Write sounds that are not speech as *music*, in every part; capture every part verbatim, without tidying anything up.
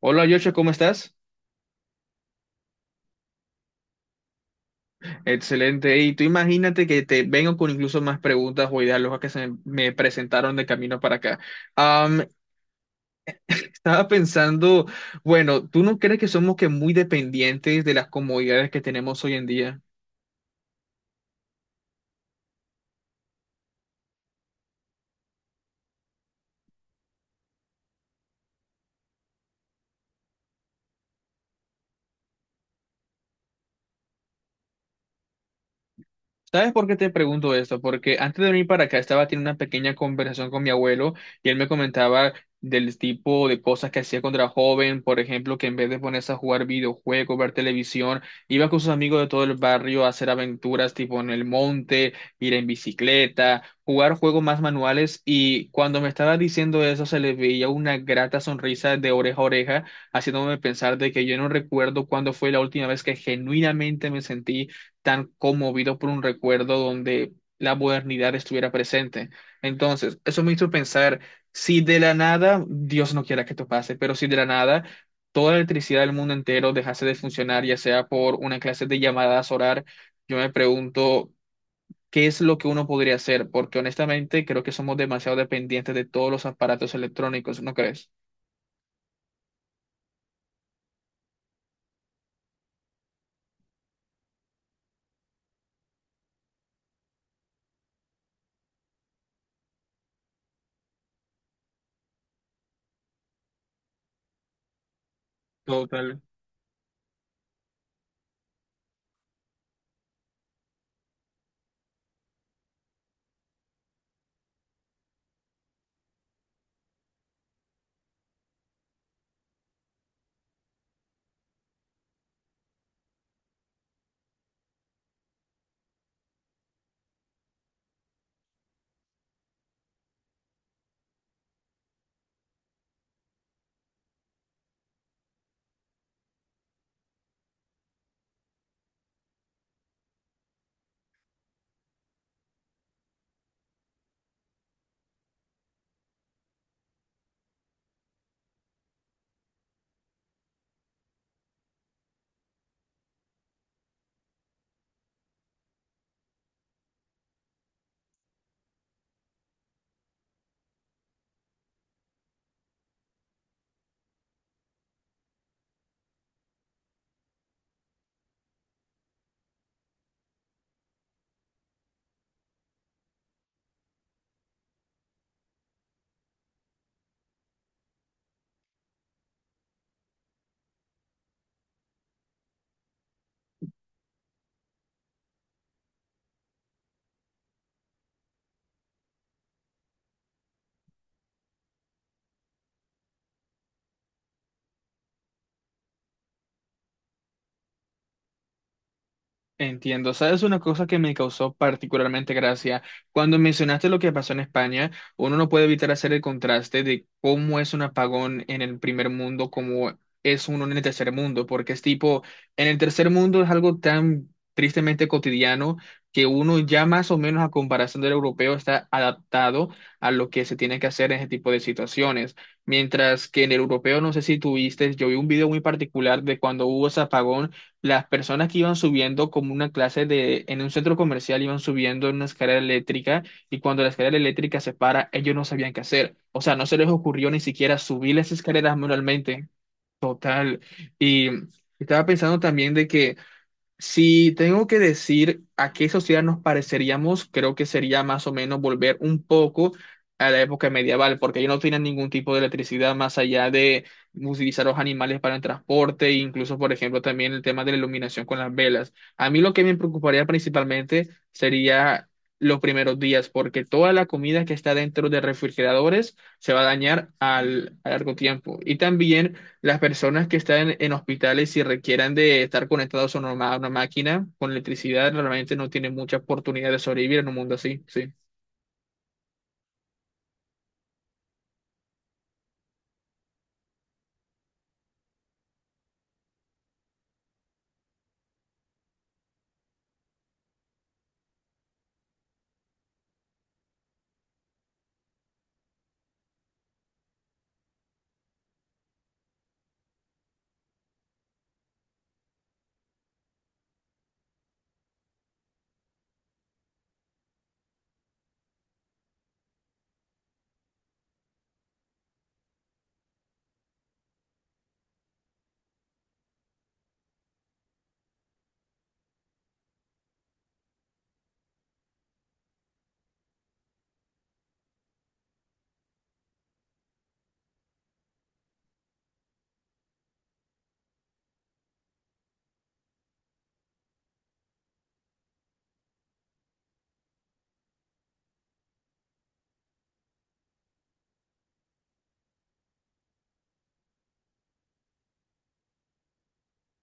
Hola, Joshua, ¿cómo estás? Excelente. Y tú imagínate que te vengo con incluso más preguntas o ideas locas que se me me presentaron de camino para acá. Am, estaba pensando, bueno, ¿tú no crees que somos que muy dependientes de las comodidades que tenemos hoy en día? ¿Sabes por qué te pregunto esto? Porque antes de venir para acá estaba teniendo una pequeña conversación con mi abuelo y él me comentaba del tipo de cosas que hacía cuando era joven, por ejemplo, que en vez de ponerse a jugar videojuegos, ver televisión, iba con sus amigos de todo el barrio a hacer aventuras tipo en el monte, ir en bicicleta, jugar juegos más manuales, y cuando me estaba diciendo eso se le veía una grata sonrisa de oreja a oreja, haciéndome pensar de que yo no recuerdo cuándo fue la última vez que genuinamente me sentí tan conmovido por un recuerdo donde la modernidad estuviera presente. Entonces, eso me hizo pensar, si de la nada, Dios no quiera que esto pase, pero si de la nada toda la electricidad del mundo entero dejase de funcionar, ya sea por una clase de llamadas orar, yo me pregunto, ¿qué es lo que uno podría hacer? Porque honestamente creo que somos demasiado dependientes de todos los aparatos electrónicos, ¿no crees? Total. Entiendo, ¿sabes una cosa que me causó particularmente gracia? Cuando mencionaste lo que pasó en España, uno no puede evitar hacer el contraste de cómo es un apagón en el primer mundo, como es uno en el tercer mundo, porque es tipo, en el tercer mundo es algo tan tristemente cotidiano que uno ya más o menos a comparación del europeo está adaptado a lo que se tiene que hacer en ese tipo de situaciones. Mientras que en el europeo, no sé si tuviste, yo vi un video muy particular de cuando hubo ese apagón, las personas que iban subiendo como una clase de, en un centro comercial iban subiendo en una escalera eléctrica, y cuando la escalera eléctrica se para, ellos no sabían qué hacer. O sea, no se les ocurrió ni siquiera subir las escaleras manualmente. Total. Y estaba pensando también de que si tengo que decir a qué sociedad nos pareceríamos, creo que sería más o menos volver un poco a la época medieval, porque ellos no tenían ningún tipo de electricidad más allá de utilizar los animales para el transporte, e incluso, por ejemplo, también el tema de la iluminación con las velas. A mí lo que me preocuparía principalmente sería los primeros días, porque toda la comida que está dentro de refrigeradores se va a dañar al, a largo tiempo. Y también las personas que están en, hospitales y requieran de estar conectados a una, ma- a una máquina con electricidad, realmente no tienen mucha oportunidad de sobrevivir en un mundo así, sí.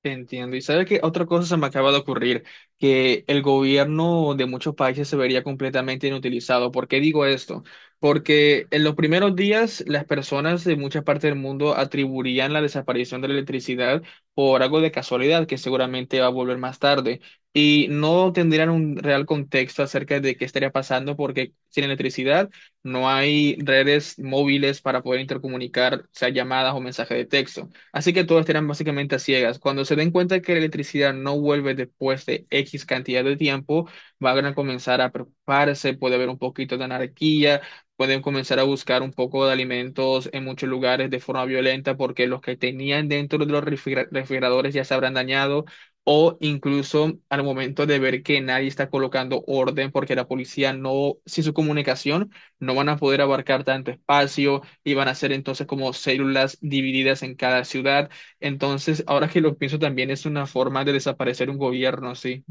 Entiendo. Y sabe que otra cosa se me acaba de ocurrir, que el gobierno de muchos países se vería completamente inutilizado. ¿Por qué digo esto? Porque en los primeros días las personas de muchas partes del mundo atribuirían la desaparición de la electricidad por algo de casualidad que seguramente va a volver más tarde, y no tendrían un real contexto acerca de qué estaría pasando, porque sin electricidad no hay redes móviles para poder intercomunicar, sea llamadas o mensajes de texto. Así que todos estarán básicamente a ciegas. Cuando se den cuenta que la electricidad no vuelve después de equis cantidad de tiempo, van a comenzar a preocuparse, puede haber un poquito de anarquía, pueden comenzar a buscar un poco de alimentos en muchos lugares de forma violenta, porque los que tenían dentro de los refriger- refrigeradores ya se habrán dañado. O incluso al momento de ver que nadie está colocando orden porque la policía no, sin su comunicación, no van a poder abarcar tanto espacio y van a ser entonces como células divididas en cada ciudad. Entonces, ahora que lo pienso también es una forma de desaparecer un gobierno, sí,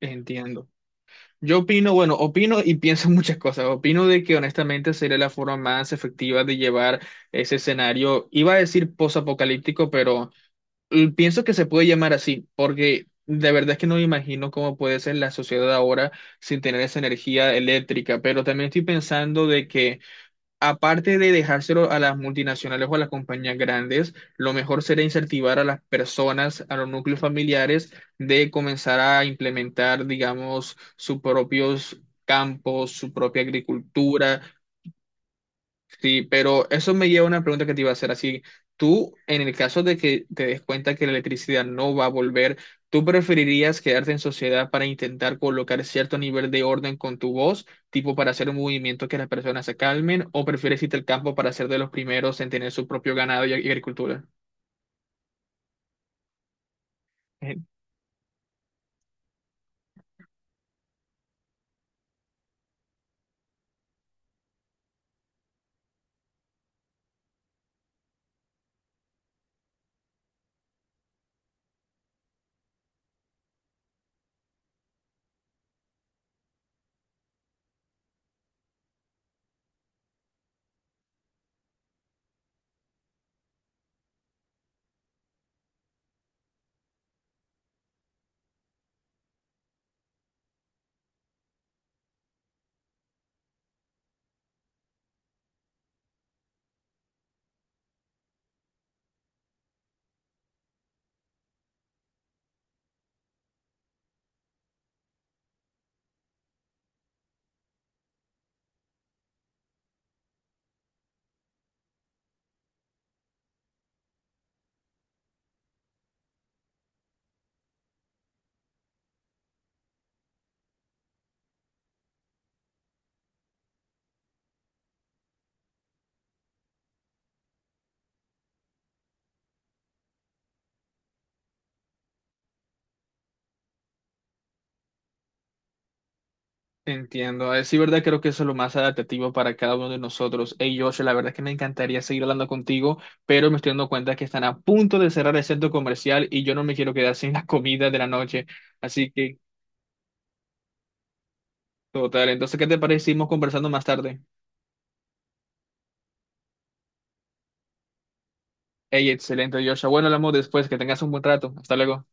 entiendo. Yo opino, bueno, opino y pienso muchas cosas. Opino de que honestamente sería la forma más efectiva de llevar ese escenario. Iba a decir posapocalíptico, pero eh, pienso que se puede llamar así, porque de verdad es que no me imagino cómo puede ser la sociedad ahora sin tener esa energía eléctrica. Pero también estoy pensando de que aparte de dejárselo a las multinacionales o a las compañías grandes, lo mejor sería incentivar a las personas, a los núcleos familiares, de comenzar a implementar, digamos, sus propios campos, su propia agricultura. Sí, pero eso me lleva a una pregunta que te iba a hacer. Así, tú, en el caso de que te des cuenta que la electricidad no va a volver, ¿tú preferirías quedarte en sociedad para intentar colocar cierto nivel de orden con tu voz, tipo para hacer un movimiento que las personas se calmen, o prefieres irte al campo para ser de los primeros en tener su propio ganado y y agricultura? Entiendo, es sí, verdad, creo que eso es lo más adaptativo para cada uno de nosotros. Hey, Josh, la verdad es que me encantaría seguir hablando contigo, pero me estoy dando cuenta que están a punto de cerrar el centro comercial y yo no me quiero quedar *laughs* sin la comida de la noche. Así que, total. Entonces, ¿qué te parece? Seguimos conversando más tarde. Hey, excelente, Josh. Bueno, hablamos después. Que tengas un buen rato. Hasta luego.